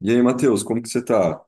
E aí, Matheus, como que você tá?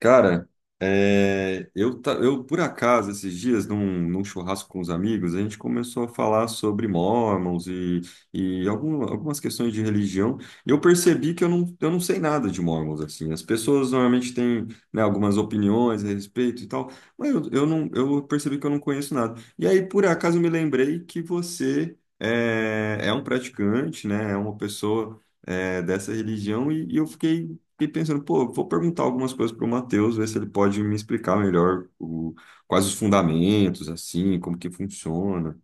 Cara, eu, por acaso, esses dias, num churrasco com os amigos, a gente começou a falar sobre Mormons e, e algumas questões de religião, e eu percebi que eu não sei nada de Mormons, assim. As pessoas normalmente têm, né, algumas opiniões a respeito e tal, mas eu não, eu percebi que eu não conheço nada. E aí, por acaso, eu me lembrei que é um praticante, né, é uma pessoa... é, dessa religião e eu fiquei pensando, pô, vou perguntar algumas coisas pro Matheus, ver se ele pode me explicar melhor o, quais os fundamentos, assim, como que funciona.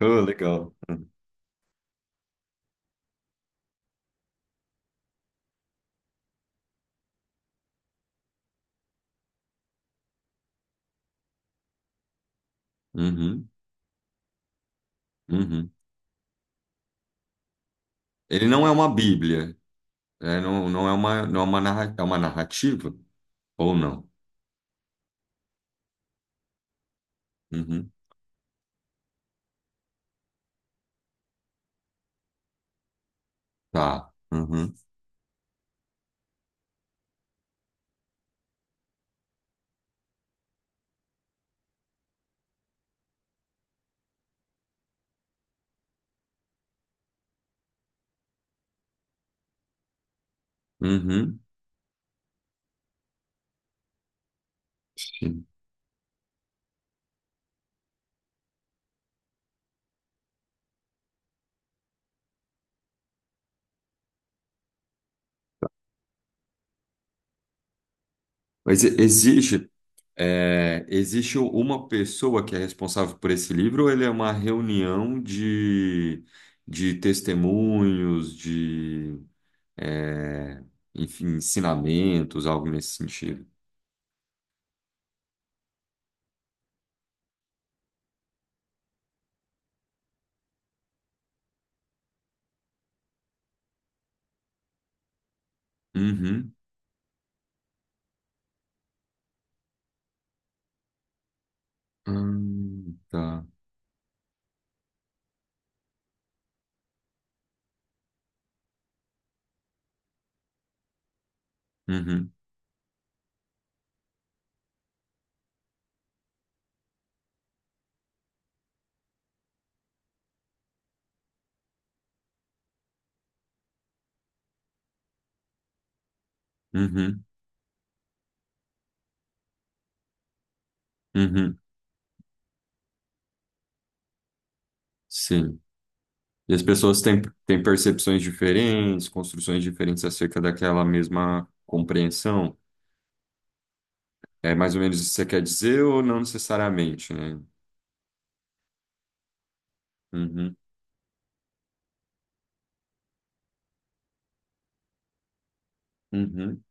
Ah, legal. Uhum, uhum. Ele não é uma Bíblia, né? Não, é uma narrativa ou não? Uhum. Tá. Uhum. Uhum. Sim. Mas existe, é, existe uma pessoa que é responsável por esse livro ou ele é uma reunião de testemunhos, de é, enfim, ensinamentos, algo nesse sentido. Uhum. Tá. Uhum. Uhum. Uhum. Sim. E as têm percepções diferentes, construções diferentes acerca daquela mesma compreensão. É mais ou menos isso que você quer dizer ou não necessariamente, né? Uhum. Uhum.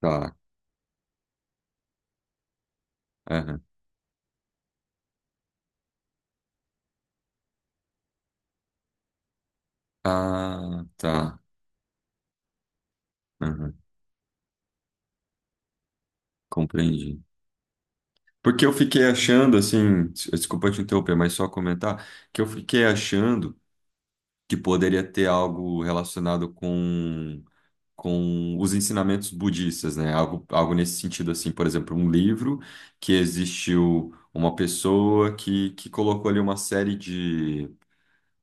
Tá. Aham. Ah, tá. Aham. Compreendi. Porque eu fiquei achando, assim, desculpa te interromper, mas só comentar, que eu fiquei achando que poderia ter algo relacionado com os ensinamentos budistas, né? Algo nesse sentido, assim, por exemplo, um livro que existiu uma pessoa que colocou ali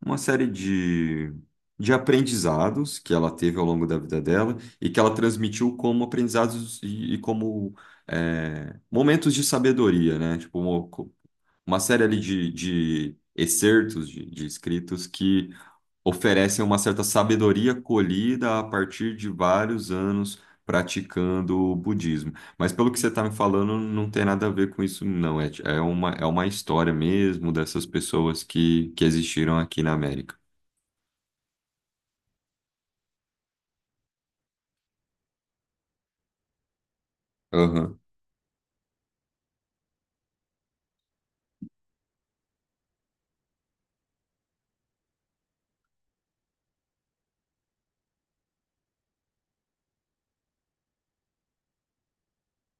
uma série de aprendizados que ela teve ao longo da vida dela e que ela transmitiu como aprendizados e como é, momentos de sabedoria, né? Tipo, uma série ali de excertos de escritos que oferecem uma certa sabedoria colhida a partir de vários anos praticando o budismo. Mas pelo que você está me falando, não tem nada a ver com isso, não. É, é uma história mesmo dessas pessoas que existiram aqui na América. Aham.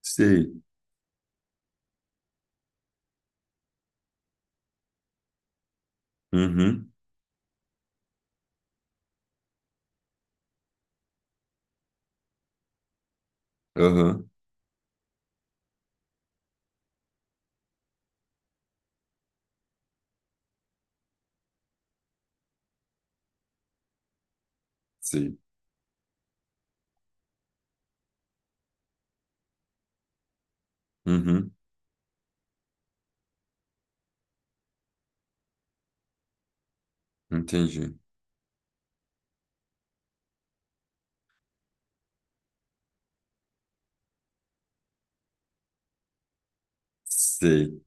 Sei. Uhum. Aham. Sei. Uhum. Entendi. Sei.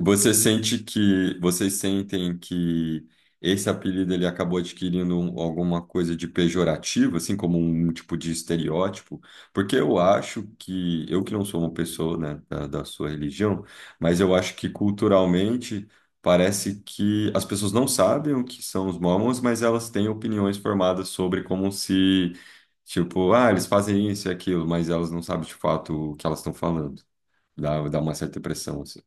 Você sente que vocês sentem que esse apelido ele acabou adquirindo alguma coisa de pejorativo, assim como um tipo de estereótipo? Porque eu acho que eu que não sou uma pessoa, né, da sua religião, mas eu acho que culturalmente parece que as pessoas não sabem o que são os mormons, mas elas têm opiniões formadas sobre como se, tipo, ah, eles fazem isso e aquilo, mas elas não sabem de fato o que elas estão falando. Dá uma certa impressão assim.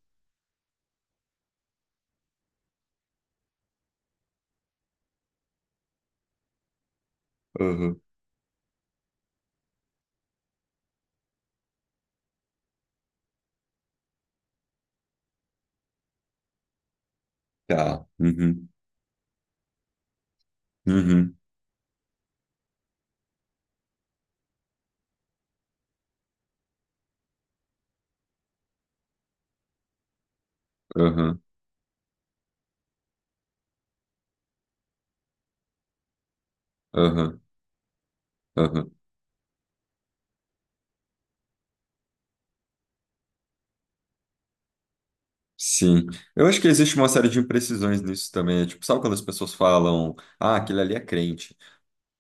Tá. Uhum. Uhum. Aham. Aham. Aham. Sim. Eu acho que existe uma série de imprecisões nisso também. É tipo, sabe quando as pessoas falam, ah, aquele ali é crente?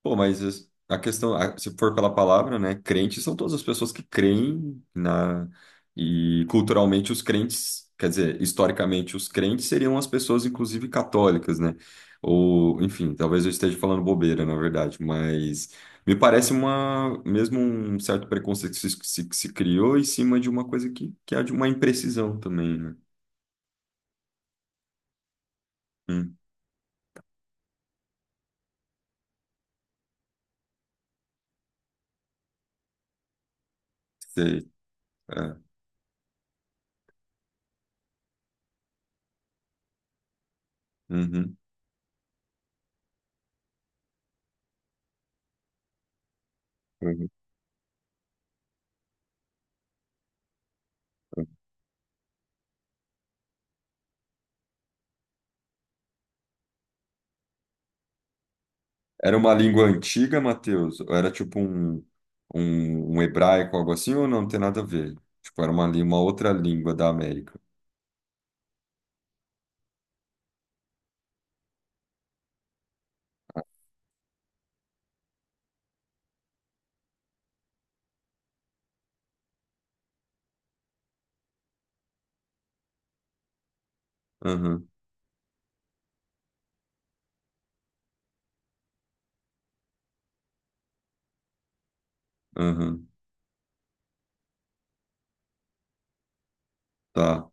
Pô, mas se for pela palavra, né, crentes são todas as pessoas que creem na e culturalmente os crentes, quer dizer, historicamente os crentes seriam as pessoas inclusive católicas, né? Ou, enfim, talvez eu esteja falando bobeira, na verdade, mas me parece uma mesmo um certo preconceito que se criou em cima de uma coisa que é de uma imprecisão também, né? Hum, sei. É. Uhum. Uhum. Era uma língua antiga, Matheus? Ou era tipo um hebraico, algo assim, ou não tem nada a ver? Tipo, era uma outra língua da América. Aham, aham, tá,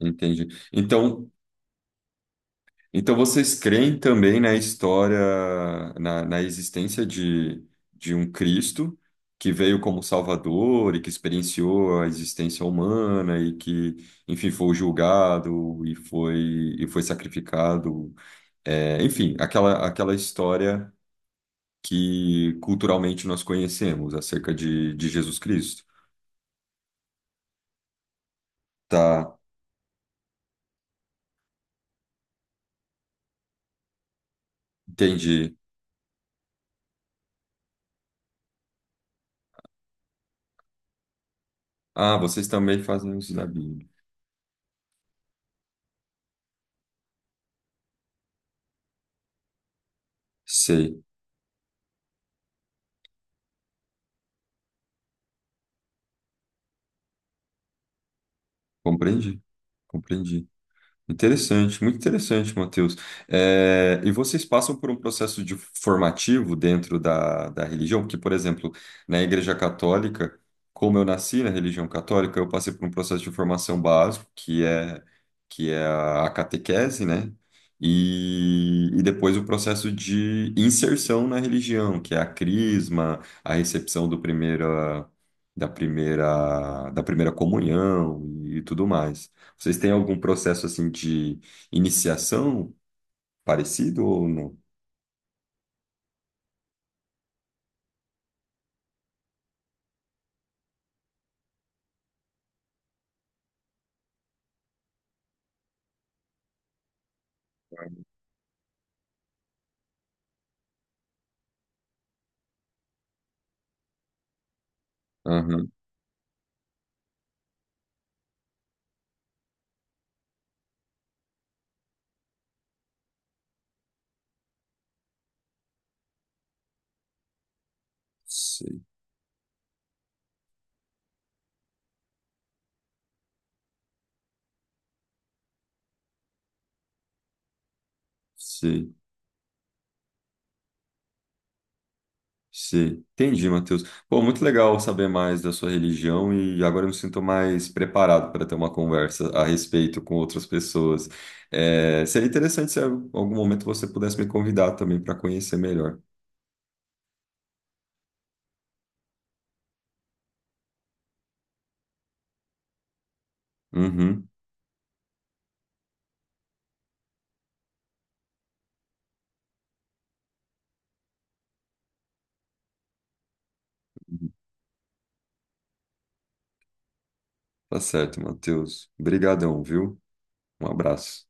entendi. Então, então vocês creem também na história, na existência de um Cristo que veio como Salvador e que experienciou a existência humana e que, enfim, foi julgado e e foi sacrificado. É, enfim, aquela história que culturalmente nós conhecemos acerca de Jesus Cristo. Tá, entendi. Ah, vocês também fazem isso da Bíblia. Sei, compreendi, compreendi. Interessante, muito interessante, Matheus. Eh, e vocês passam por um processo de formativo dentro da religião? Porque, por exemplo, na Igreja Católica, como eu nasci na religião católica, eu passei por um processo de formação básico, que é a catequese, né? E depois o processo de inserção na religião, que é a crisma, a recepção do primeira, da primeira, da primeira comunhão e tudo mais. Vocês têm algum processo assim de iniciação parecido ou não? Aham. Sei, sei, sei. Entendi, Matheus. Pô, muito legal saber mais da sua religião e agora eu me sinto mais preparado para ter uma conversa a respeito com outras pessoas. É, seria interessante se em algum momento você pudesse me convidar também para conhecer melhor. Uhum, tá certo, Matheus. Obrigadão, viu? Um abraço.